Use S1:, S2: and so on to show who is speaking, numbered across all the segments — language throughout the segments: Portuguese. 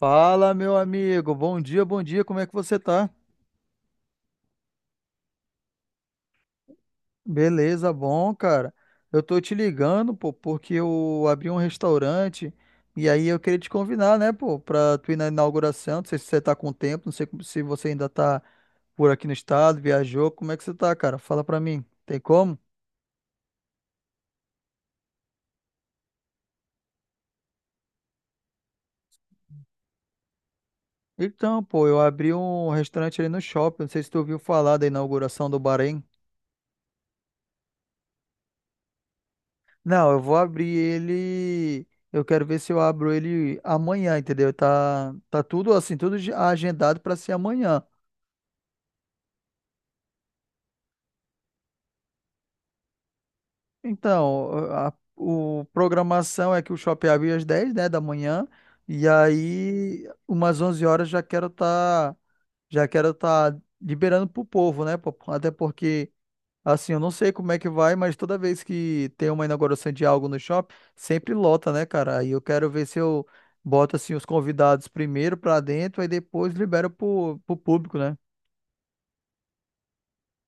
S1: Fala, meu amigo. Bom dia, bom dia. Como é que você tá? Beleza, bom, cara. Eu tô te ligando, pô, porque eu abri um restaurante e aí eu queria te convidar, né, pô, pra tu ir na inauguração. Não sei se você tá com tempo, não sei se você ainda tá por aqui no estado, viajou. Como é que você tá, cara? Fala pra mim. Tem como? Então, pô, eu abri um restaurante ali no shopping. Não sei se tu ouviu falar da inauguração do Bahrein. Não, eu vou abrir ele. Eu quero ver se eu abro ele amanhã, entendeu? Tá, tá tudo assim, agendado para ser amanhã. Então, o programação é que o shopping abre às 10, né, da manhã, e aí umas 11 horas já quero estar, já quero tá liberando pro povo, né, pô? Até porque, assim, eu não sei como é que vai, mas toda vez que tem uma inauguração de algo no shopping, sempre lota, né, cara? Aí eu quero ver se eu boto, assim, os convidados primeiro pra dentro, aí depois libero pro público, né?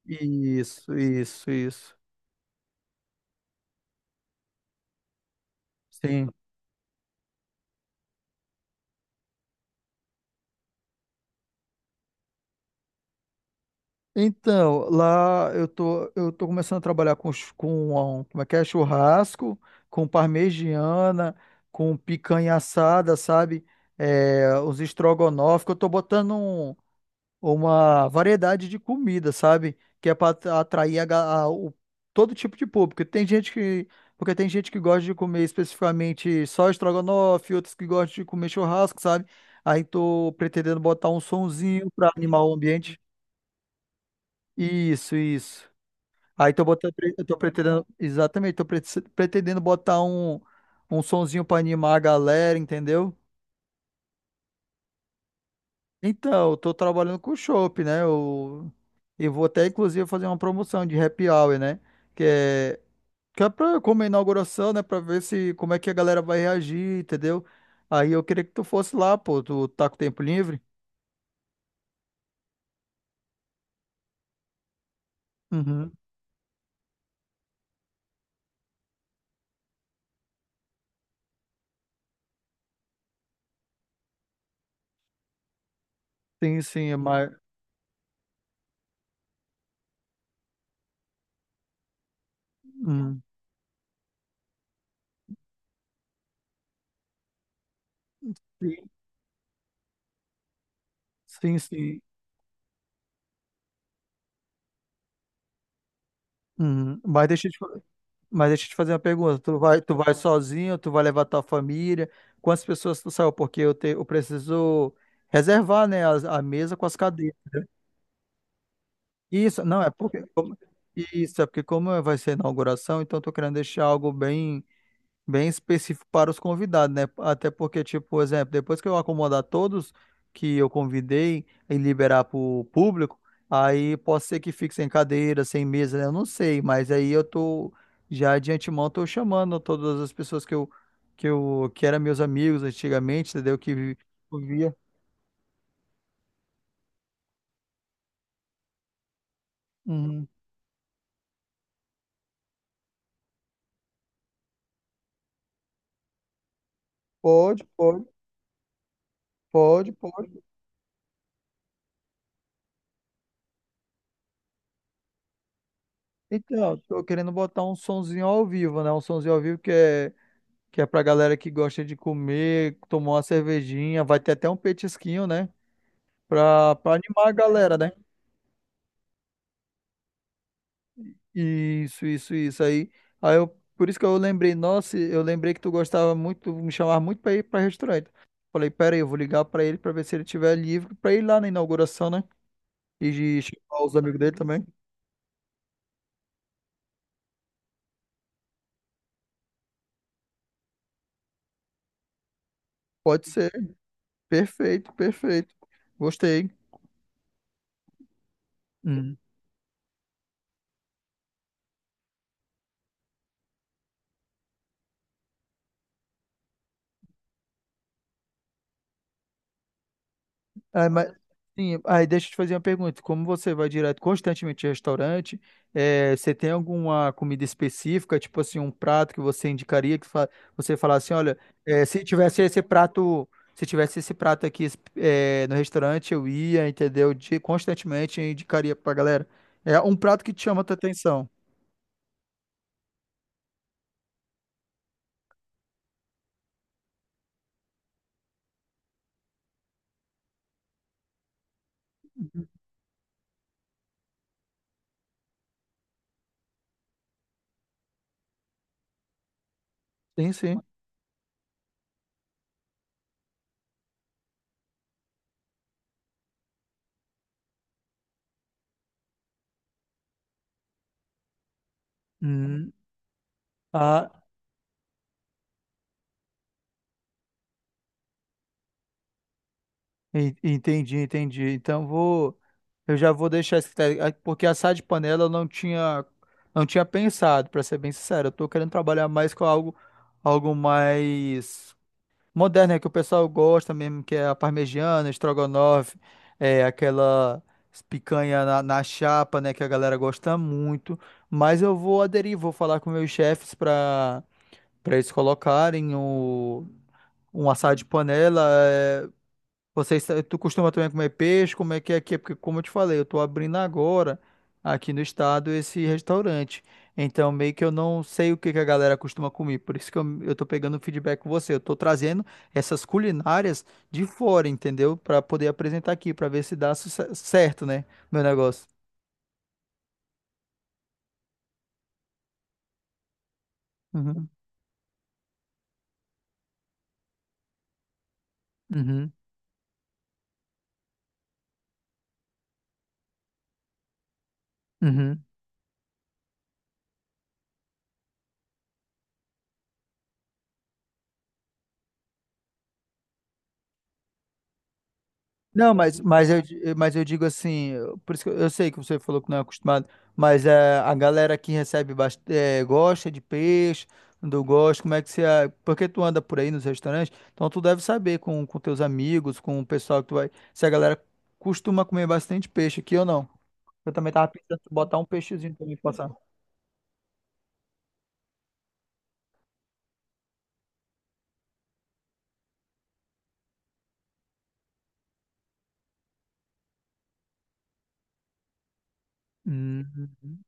S1: Isso, isso, isso. Sim. Então, lá eu tô começando a trabalhar com como é que é? Churrasco, com parmegiana, com picanha assada, sabe? É, os estrogonofe, que eu tô botando um, uma variedade de comida, sabe? Que é para atrair a todo tipo de público. Porque tem gente que gosta de comer especificamente só estrogonofe, outros que gostam de comer churrasco, sabe? Aí tô pretendendo botar um sonzinho para animar o ambiente. Isso, isso. Aí tô botando, eu tô pretendendo, exatamente, pretendendo botar um sonzinho para animar a galera, entendeu? Então, eu tô trabalhando com chopp, né? Eu vou até, inclusive, fazer uma promoção de happy hour, né? Que é, que é pra, como é inauguração, né? Pra ver se, como é que a galera vai reagir, entendeu? Aí eu queria que tu fosse lá, pô. Tu tá com tempo livre? Uhum. Sim, sim, é mais... Uhum. Sim, sim, sim. Uhum. Mas deixa eu te, fa- mas deixa eu te fazer uma pergunta. Tu vai sozinho? Tu vai levar tua família? Quantas pessoas tu saiu? Porque eu preciso reservar, né, a mesa com as cadeiras. Isso, não, é isso é porque como vai ser a inauguração, então eu tô querendo deixar algo bem, bem específico para os convidados, né? Até porque, tipo, por exemplo, depois que eu acomodar todos que eu convidei e liberar para o público, aí pode ser que fique sem cadeira, sem mesa, né? Eu não sei, mas aí eu tô, já de antemão tô chamando todas as pessoas que eu que eram meus amigos antigamente, entendeu? Que eu via. Uhum. Pode, pode, pode, pode. Então, tô querendo botar um sonzinho ao vivo, né? Um sonzinho ao vivo que é pra galera que gosta de comer, tomar uma cervejinha, vai ter até um petisquinho, né? Pra animar a galera, né? Isso aí. Aí eu, por isso que eu lembrei, nossa, eu lembrei que tu gostava muito, me chamava muito pra ir pra restaurante. Falei, pera aí, eu vou ligar pra ele pra ver se ele tiver livre pra ir lá na inauguração, né? E de chamar os amigos dele também. Pode ser. Perfeito, perfeito. Gostei. Hum. Ah, mas, sim, aí deixa eu te fazer uma pergunta. Como você vai direto constantemente ao restaurante, você tem alguma comida específica, tipo assim, um prato que você indicaria você falasse, assim, olha, se tivesse esse prato, se tivesse esse prato aqui, no restaurante, eu ia, entendeu? De, constantemente eu indicaria pra galera. É um prato que te chama a tua atenção. Sim, sim. Hum. Ah, Entendi, entendi. Então vou, eu já vou deixar esse critério, ah, porque assar de panela eu não tinha, não tinha pensado, para ser bem sincero. Eu tô querendo trabalhar mais com algo, algo mais moderno, né, que o pessoal gosta mesmo, que é a parmegiana, estrogonofe, é aquela picanha na chapa, né, que a galera gosta muito. Mas eu vou aderir, vou falar com meus chefes para eles colocarem o um assado de panela. É, vocês, tu costuma também comer peixe? Como é que é aqui? É porque, como eu te falei, eu tô abrindo agora aqui no estado esse restaurante. Então, meio que eu não sei o que que a galera costuma comer. Por isso que eu tô pegando feedback com você. Eu tô trazendo essas culinárias de fora, entendeu? Pra poder apresentar aqui, pra ver se certo, né? Meu negócio. Uhum, uhum, uhum. Não, mas eu digo assim, por isso que eu sei que você falou que não é acostumado, mas é, a galera é, gosta de peixe, do gosto, como é que você. Porque tu anda por aí nos restaurantes, então tu deve saber com teus amigos, com o pessoal que tu vai. Se a galera costuma comer bastante peixe aqui ou não. Eu também tava pensando em botar um peixezinho também pra passar. Hum.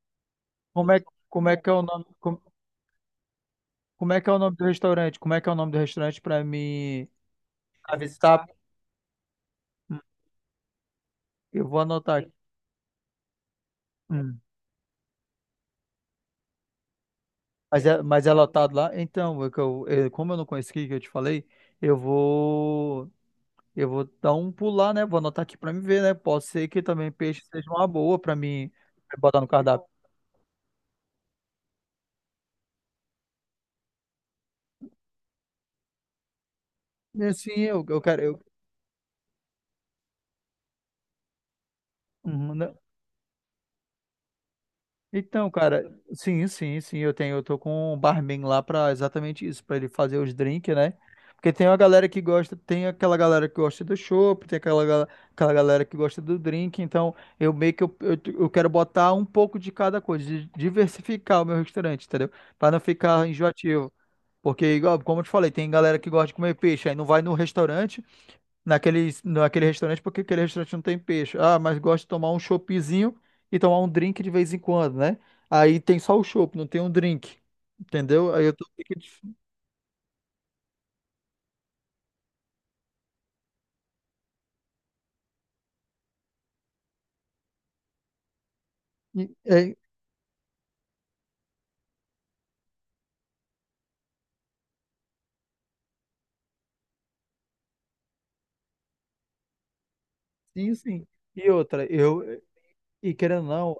S1: Como é, como é que é o nome, como, como é que é o nome do restaurante? Como é que é o nome do restaurante para me avistar? Hum, Eu vou anotar aqui. Hum, Mas é, mas é lotado lá? Então, é que como eu não conheci que eu te falei, eu vou, eu vou dar um pulo lá, né? Vou anotar aqui para me ver, né? Pode ser que também peixe seja uma boa para mim botar no cardápio. Sim, uhum, né? Então, cara, sim, sim, sim, eu tenho, eu tô com um barman lá pra exatamente isso, pra ele fazer os drinks, né? Porque tem uma galera que gosta, tem aquela galera que gosta do chopp, tem aquela galera que gosta do drink, então eu meio que eu quero botar um pouco de cada coisa, de diversificar o meu restaurante, entendeu? Pra não ficar enjoativo. Porque, igual, como eu te falei, tem galera que gosta de comer peixe, aí não vai no restaurante, naquele restaurante porque aquele restaurante não tem peixe. Ah, mas gosto de tomar um choppzinho e tomar um drink de vez em quando, né? Aí tem só o chopp, não tem um drink. Entendeu? Aí eu tô. É, sim, sim. E outra, eu. E querendo ou não,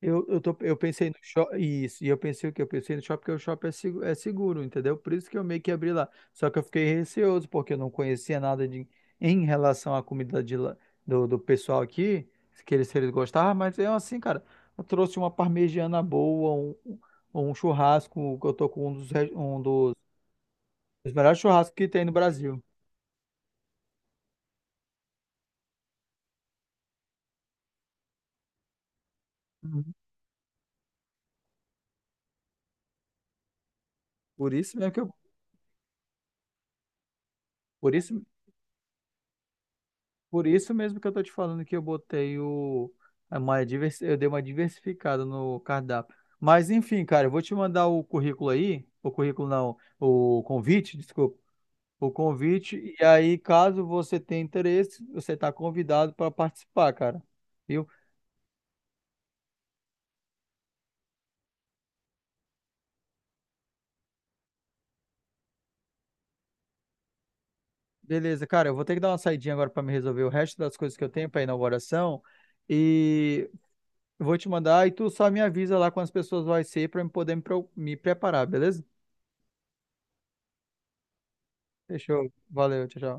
S1: Eu pensei no shopping, isso, e eu pensei o quê? Eu pensei no shopping, porque o shopping é seguro, entendeu? Por isso que eu meio que abri lá. Só que eu fiquei receoso, porque eu não conhecia nada de, em relação à comida de, do, do pessoal aqui, que eles, se eles gostavam, mas eu assim, cara, eu trouxe uma parmegiana boa, um churrasco, que eu tô com um um dos melhores churrascos que tem no Brasil. Uhum. Por isso mesmo que por isso, por isso mesmo que eu tô te falando que eu botei o, é uma eu dei uma diversificada no cardápio. Mas enfim, cara, eu vou te mandar o currículo aí, o currículo não, o convite, desculpa, o convite, e aí caso você tenha interesse, você está convidado para participar, cara. Viu? Beleza, cara, eu vou ter que dar uma saidinha agora para me resolver o resto das coisas que eu tenho para inauguração, e eu vou te mandar e tu só me avisa lá quantas pessoas vai ser para eu poder me, me preparar, beleza? Fechou. Valeu, tchau, tchau.